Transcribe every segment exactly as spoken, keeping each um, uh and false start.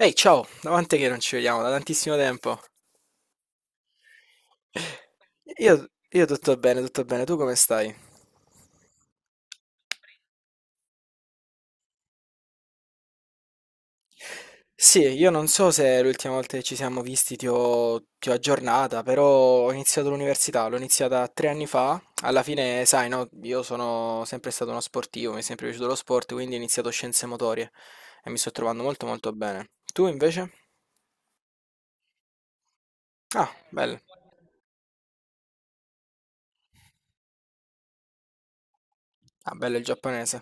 Ehi, ciao, davanti che non ci vediamo da tantissimo tempo. Io, io tutto bene, tutto bene, tu come stai? Sì, io non so se l'ultima volta che ci siamo visti ti ho, ti ho aggiornata, però ho iniziato l'università, l'ho iniziata tre anni fa. Alla fine, sai, no, io sono sempre stato uno sportivo, mi è sempre piaciuto lo sport, quindi ho iniziato scienze motorie e mi sto trovando molto molto bene. Tu invece? Ah, bello. Ah, bello il giapponese.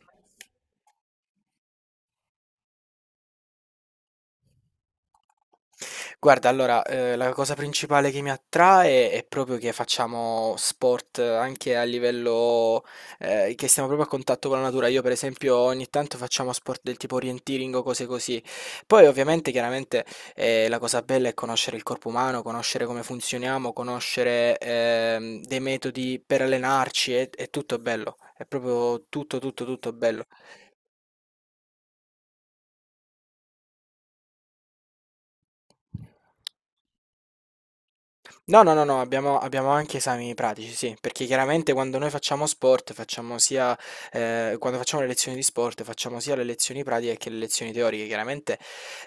Guarda, allora, ehm, la cosa principale che mi attrae è proprio che facciamo sport eh, anche a livello ehm, che stiamo proprio a contatto con la natura. Io per esempio ogni tanto facciamo sport del tipo orienteering o cose così. Poi ovviamente chiaramente, ehm, la cosa bella è conoscere il corpo umano, conoscere come funzioniamo, conoscere, ehm, dei metodi per allenarci, è è tutto bello. È proprio tutto, tutto, tutto bello. No, no, no, no, abbiamo, abbiamo anche esami pratici, sì, perché chiaramente quando noi facciamo sport, facciamo sia, eh, quando facciamo le lezioni di sport, facciamo sia le lezioni pratiche che le lezioni teoriche. Chiaramente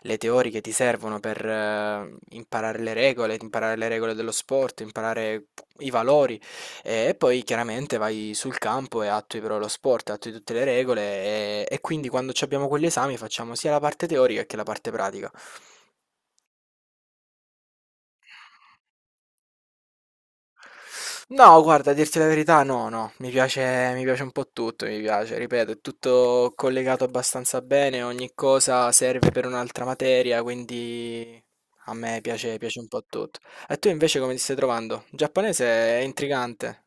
le teoriche ti servono per, eh, imparare le regole, imparare le regole dello sport, imparare i valori eh, e poi chiaramente vai sul campo e attui però lo sport, attui tutte le regole e, e quindi quando ci abbiamo quegli esami facciamo sia la parte teorica che la parte pratica. No, guarda, a dirti la verità, no, no, mi piace, mi piace un po' tutto, mi piace, ripeto, è tutto collegato abbastanza bene, ogni cosa serve per un'altra materia, quindi a me piace, piace un po' tutto. E tu invece come ti stai trovando? Il giapponese è intrigante.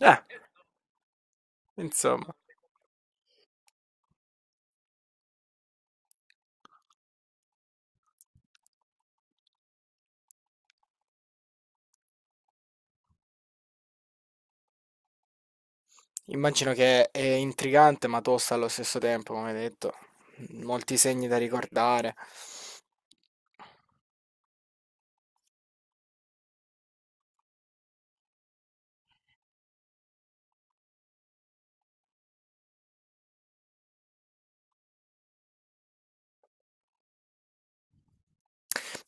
Eh, insomma, immagino che è intrigante ma tosta allo stesso tempo, come hai detto, molti segni da ricordare.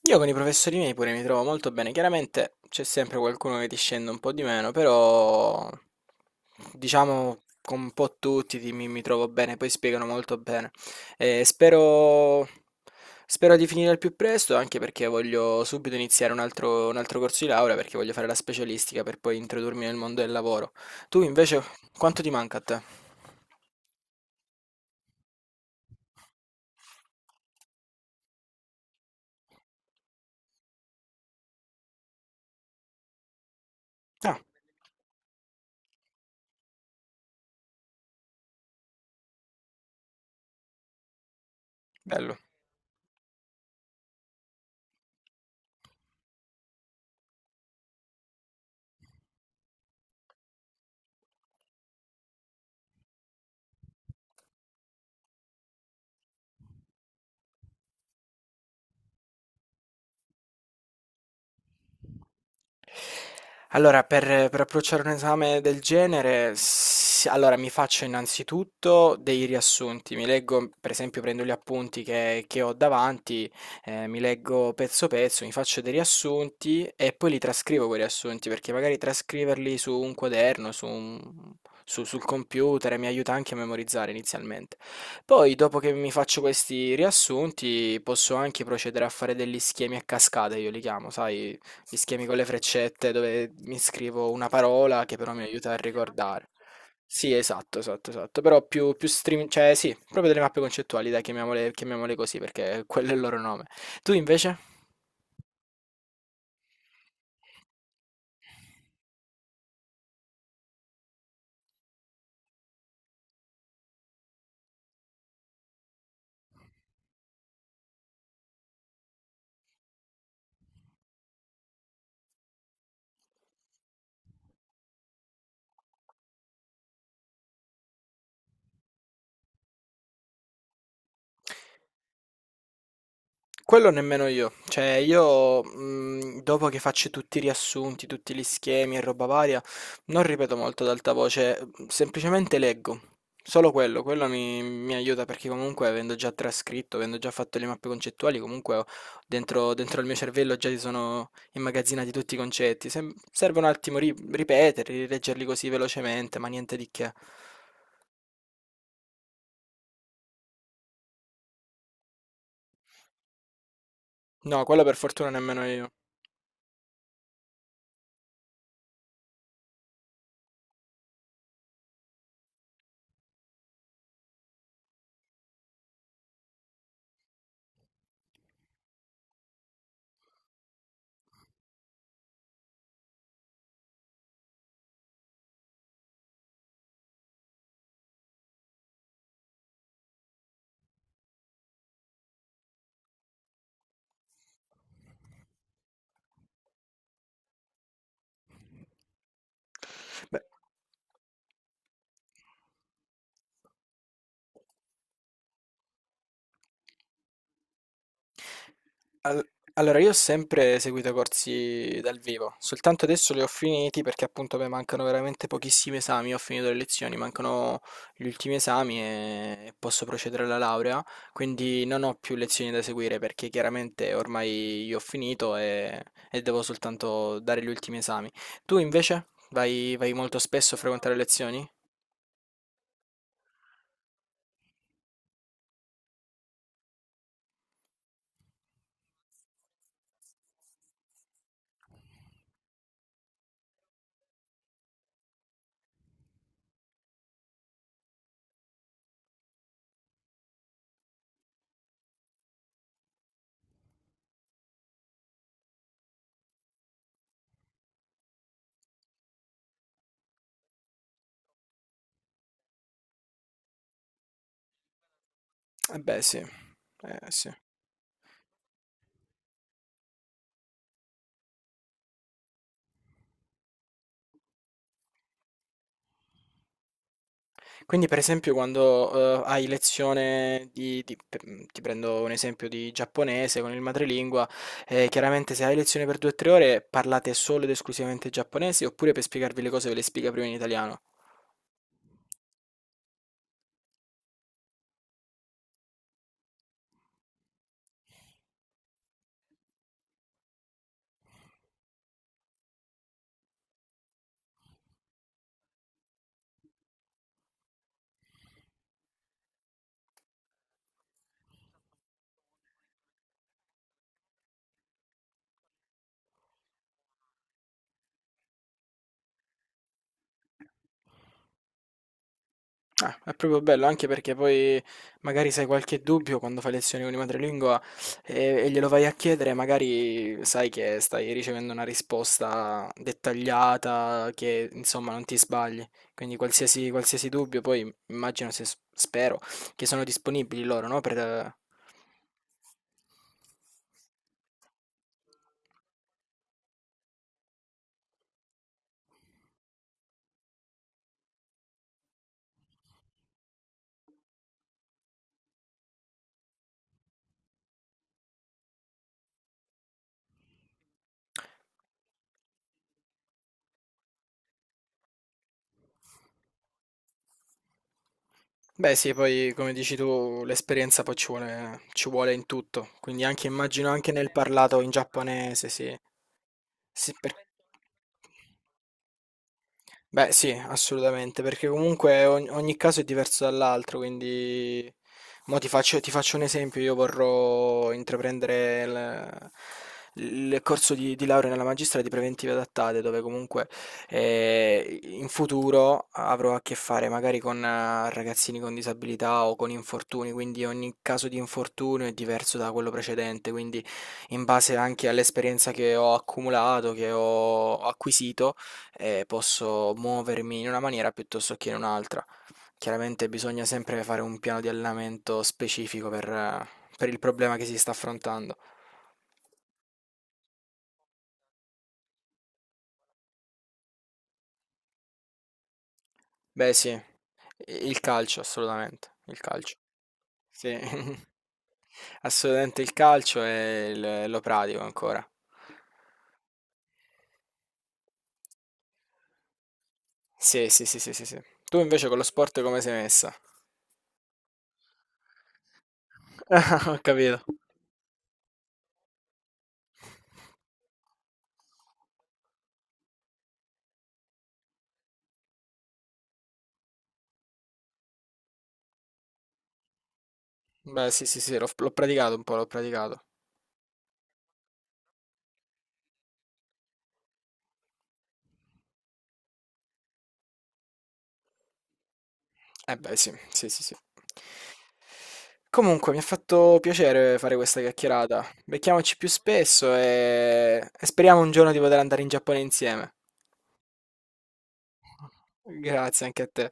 Io con i professori miei pure mi trovo molto bene. Chiaramente c'è sempre qualcuno che ti scende un po' di meno, però diciamo con un po' tutti ti- mi, mi trovo bene, poi spiegano molto bene. E spero, spero di finire al più presto, anche perché voglio subito iniziare un altro, un altro corso di laurea, perché voglio fare la specialistica per poi introdurmi nel mondo del lavoro. Tu invece, quanto ti manca a te? Ah, bello. Allora, per per approcciare un esame del genere, s allora mi faccio innanzitutto dei riassunti, mi leggo per esempio prendo gli appunti che che ho davanti, ehm, mi leggo pezzo pezzo, mi faccio dei riassunti e poi li trascrivo quei riassunti, perché magari trascriverli su un quaderno, su un su sul computer mi aiuta anche a memorizzare inizialmente. Poi dopo che mi faccio questi riassunti, posso anche procedere a fare degli schemi a cascata io li chiamo, sai gli schemi con le freccette dove mi scrivo una parola che però mi aiuta a ricordare. Sì, esatto, esatto, esatto. Però più, più stream, cioè sì, proprio delle mappe concettuali, dai, chiamiamole, chiamiamole così perché quello è il loro nome. Tu invece? Quello nemmeno io. Cioè io, mhmm, dopo che faccio tutti i riassunti, tutti gli schemi e roba varia, non ripeto molto ad alta voce, uhm, semplicemente leggo. Solo quello, quello mi mi aiuta perché comunque avendo già trascritto, avendo già fatto le mappe concettuali, comunque ho dentro dentro il mio cervello già si sono immagazzinati tutti i concetti. Sem serve un attimo ri ripeterli, rileggerli così velocemente, ma niente di che. No, quello per fortuna nemmeno io. Beh. Al- Allora, io ho sempre seguito corsi dal vivo, soltanto adesso li ho finiti perché appunto mi mancano veramente pochissimi esami, ho finito le lezioni, mancano gli ultimi esami e posso procedere alla laurea, quindi non ho più lezioni da seguire perché chiaramente ormai io ho finito e, e devo soltanto dare gli ultimi esami. Tu invece vai, vai molto spesso a frequentare lezioni? Eh beh, sì, eh sì. Quindi, per esempio, quando eh, hai lezione di, di- pe- mm, ti prendo un esempio di giapponese con il madrelingua, eh, chiaramente se hai lezione per due tre ore parlate solo ed esclusivamente giapponese oppure per spiegarvi le cose ve le spiega prima in italiano? Ah, è proprio bello, anche perché poi magari se hai qualche dubbio quando fai lezioni con i madrelingua e, e glielo vai a chiedere, magari sai che stai ricevendo una risposta dettagliata, che insomma non ti sbagli. Quindi qualsiasi, qualsiasi dubbio, poi immagino se s- spero che sono disponibili loro, no? Per. eh, Beh sì, poi come dici tu, l'esperienza poi ci vuole, ci vuole in tutto, quindi anche immagino anche nel parlato in giapponese, sì. Sì, per- Beh, sì, assolutamente, perché comunque ogni, ogni caso è diverso dall'altro, quindi mo ti faccio, ti faccio un esempio, io vorrò intraprendere il, il corso di, di laurea nella magistrale di preventive adattate, dove comunque eh, in futuro avrò a che fare magari con eh, ragazzini con disabilità o con infortuni, quindi ogni caso di infortunio è diverso da quello precedente, quindi in base anche all'esperienza che ho accumulato, che ho acquisito, e posso muovermi in una maniera piuttosto che in un'altra. Chiaramente bisogna sempre fare un piano di allenamento specifico per, eh, per il problema che si sta affrontando. Beh, sì, il calcio, assolutamente, il calcio. Sì, assolutamente il calcio e il- lo pratico ancora. Sì, sì, sì, sì, sì, sì. Tu invece con lo sport come sei messa? Ho capito. Beh, sì, sì, sì, l'ho l'ho praticato un po', l'ho praticato. Eh beh, sì, sì, sì, sì. Comunque, mi ha fatto piacere fare questa chiacchierata. Becchiamoci più spesso e... e speriamo un giorno di poter andare in Giappone insieme. Grazie anche a te.